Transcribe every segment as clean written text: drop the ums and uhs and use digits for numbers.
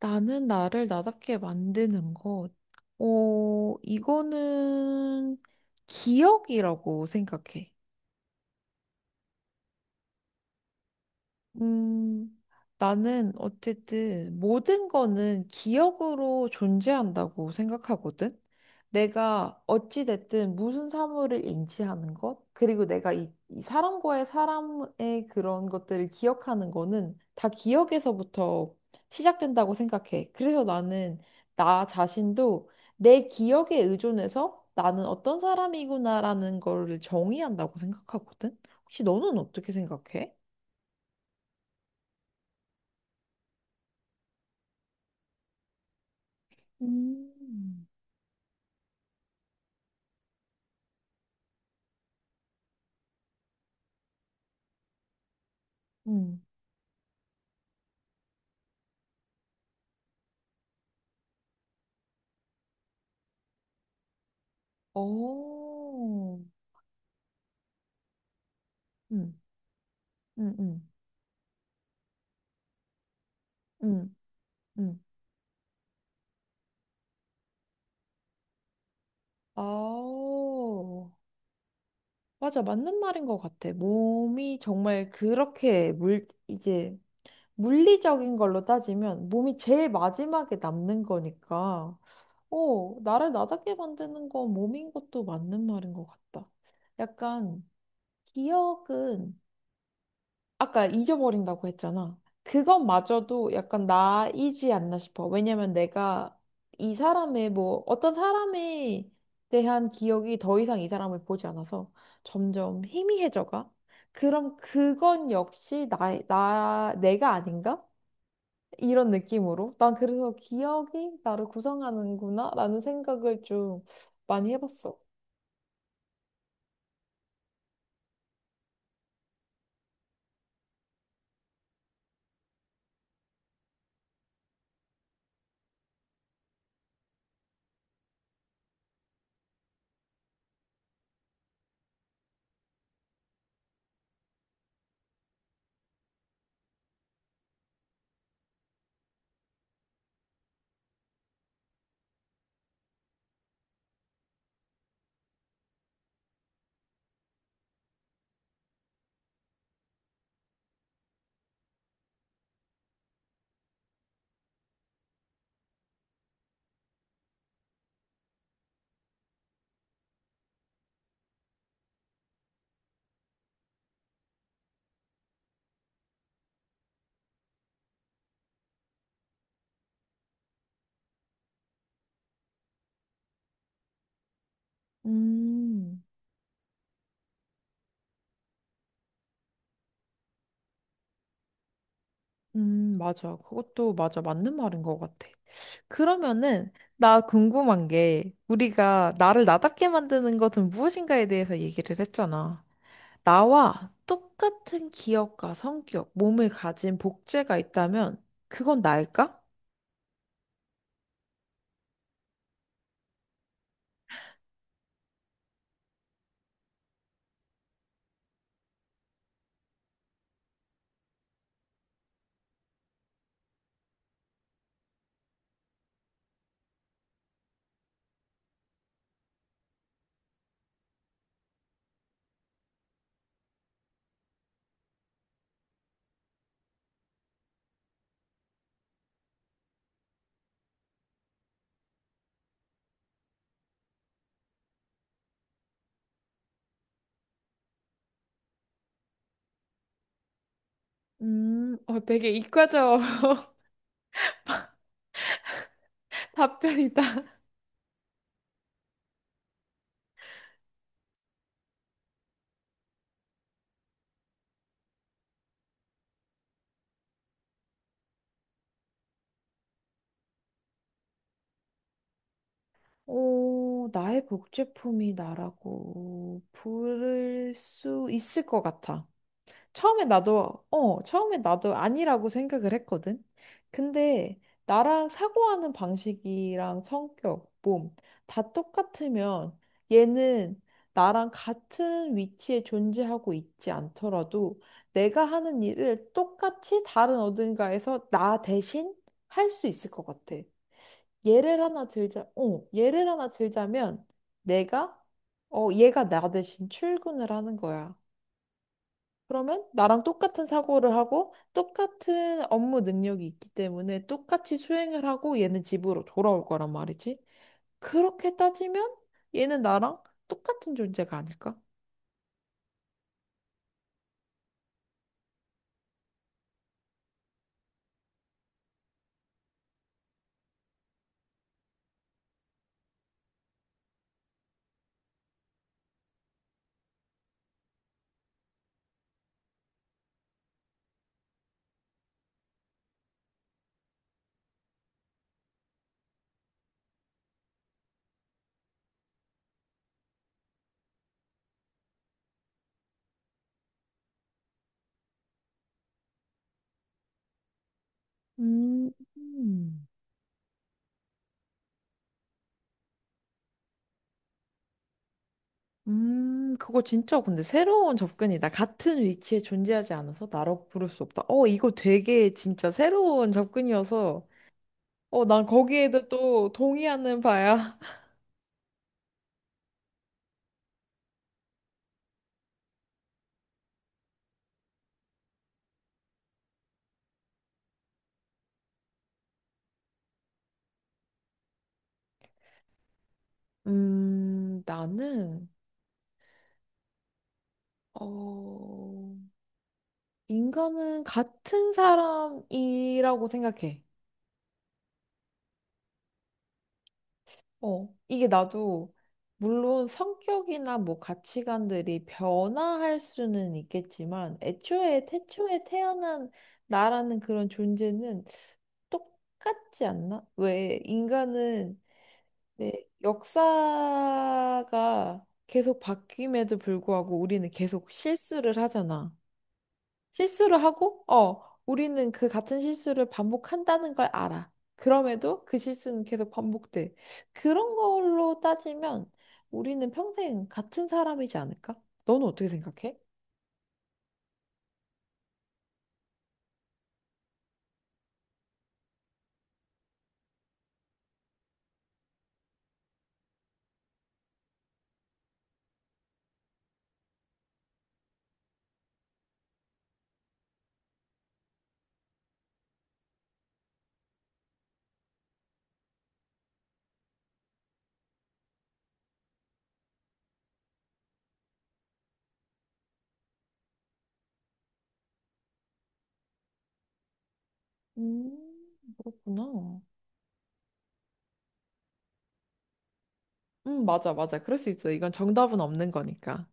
나는 나를 나답게 만드는 것. 이거는 기억이라고 생각해. 음, 나는 어쨌든 모든 거는 기억으로 존재한다고 생각하거든. 내가 어찌됐든 무슨 사물을 인지하는 것, 그리고 내가 이 사람과의 사람의 그런 것들을 기억하는 거는 다 기억에서부터 시작된다고 생각해. 그래서 나는 나 자신도 내 기억에 의존해서 나는 어떤 사람이구나라는 거를 정의한다고 생각하거든. 혹시 너는 어떻게 생각해? 음, 음, 오, 음, 음, 음, 음, 음. 아오. 맞아, 맞는 말인 것 같아. 몸이 정말 그렇게 이게 물리적인 걸로 따지면 몸이 제일 마지막에 남는 거니까, 나를 나답게 만드는 건 몸인 것도 맞는 말인 것 같다. 약간 기억은 아까 잊어버린다고 했잖아. 그것마저도 약간 나이지 않나 싶어. 왜냐면 내가 이 사람의 뭐 어떤 사람에 대한 기억이 더 이상 이 사람을 보지 않아서 점점 희미해져가. 그럼 그건 역시 내가 아닌가? 이런 느낌으로. 난 그래서 기억이 나를 구성하는구나 라는 생각을 좀 많이 해봤어. 음. 맞아. 그것도 맞아. 맞는 말인 것 같아. 그러면은, 나 궁금한 게, 우리가 나를 나답게 만드는 것은 무엇인가에 대해서 얘기를 했잖아. 나와 똑같은 기억과 성격, 몸을 가진 복제가 있다면, 그건 나일까? 되게 이과적 답변이다. 오, 나의 복제품이 나라고 부를 수 있을 것 같아. 처음에 나도 아니라고 생각을 했거든. 근데 나랑 사고하는 방식이랑 성격, 몸, 다 똑같으면 얘는 나랑 같은 위치에 존재하고 있지 않더라도 내가 하는 일을 똑같이 다른 어딘가에서 나 대신 할 수 있을 것 같아. 예를 하나 들자면 내가, 얘가 나 대신 출근을 하는 거야. 그러면 나랑 똑같은 사고를 하고 똑같은 업무 능력이 있기 때문에 똑같이 수행을 하고 얘는 집으로 돌아올 거란 말이지. 그렇게 따지면 얘는 나랑 똑같은 존재가 아닐까? 음, 음, 그거 진짜 근데 새로운 접근이다. 같은 위치에 존재하지 않아서 나라고 부를 수 없다. 이거 되게 진짜 새로운 접근이어서 난 거기에도 또 동의하는 바야. 나는 어. 인간은 같은 사람이라고 생각해. 이게 나도 물론 성격이나 뭐 가치관들이 변화할 수는 있겠지만 애초에 태초에 태어난 나라는 그런 존재는 똑같지 않나? 왜 인간은 내 역사가 계속 바뀜에도 불구하고 우리는 계속 실수를 하잖아. 실수를 하고, 우리는 그 같은 실수를 반복한다는 걸 알아. 그럼에도 그 실수는 계속 반복돼. 그런 걸로 따지면 우리는 평생 같은 사람이지 않을까? 너는 어떻게 생각해? 그렇구나. 맞아, 맞아. 그럴 수 있어. 이건 정답은 없는 거니까.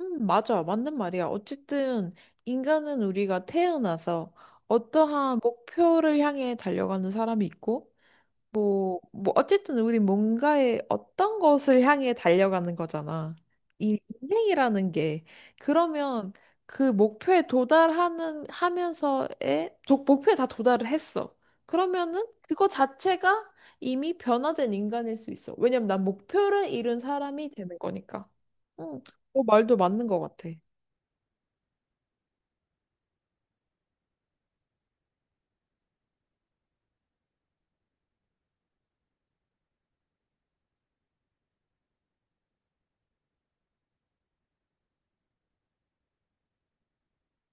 맞아. 맞는 말이야. 어쨌든 인간은 우리가 태어나서 어떠한 목표를 향해 달려가는 사람이 있고, 뭐, 어쨌든 우리 뭔가의 어떤 것을 향해 달려가는 거잖아. 이 인생이라는 게. 그러면 그 목표에 도달하는, 하면서의, 도- 목표에 다 도달을 했어. 그러면은 그거 자체가 이미 변화된 인간일 수 있어. 왜냐면 난 목표를 이룬 사람이 되는 거니까. 응, 너 말도 맞는 것 같아.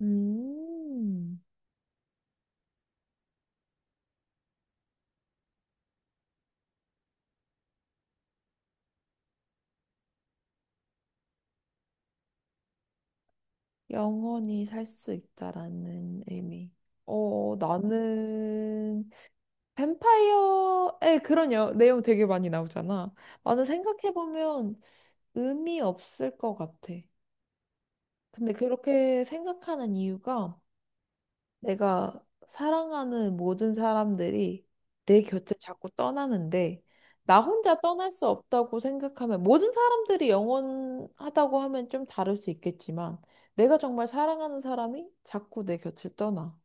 음, 영원히 살 수 있다라는 의미. 나는 뱀파이어의 그런 내용 되게 많이 나오잖아. 나는 생각해보면 의미 없을 것 같아. 근데 그렇게 생각하는 이유가 내가 사랑하는 모든 사람들이 내 곁을 자꾸 떠나는데 나 혼자 떠날 수 없다고 생각하면 모든 사람들이 영원하다고 하면 좀 다를 수 있겠지만 내가 정말 사랑하는 사람이 자꾸 내 곁을 떠나.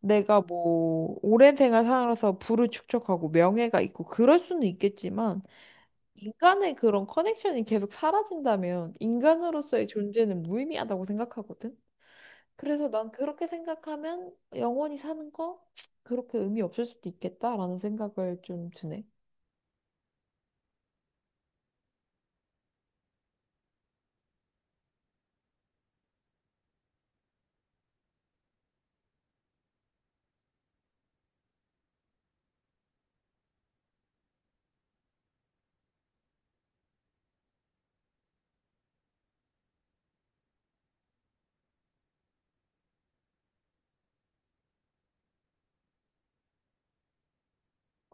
내가 뭐 오랜 생활 살아서 부를 축적하고 명예가 있고 그럴 수는 있겠지만 인간의 그런 커넥션이 계속 사라진다면 인간으로서의 존재는 무의미하다고 생각하거든. 그래서 난 그렇게 생각하면 영원히 사는 거 그렇게 의미 없을 수도 있겠다라는 생각을 좀 드네.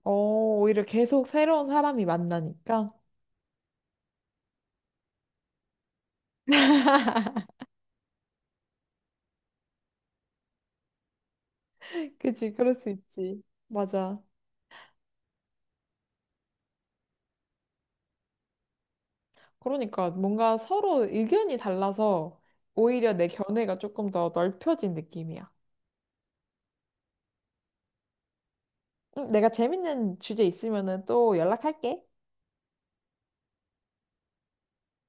어, 오히려 계속 새로운 사람이 만나니까. 그치, 그럴 수 있지. 맞아. 그러니까 뭔가 서로 의견이 달라서 오히려 내 견해가 조금 더 넓혀진 느낌이야. 내가 재밌는 주제 있으면은 또 연락할게.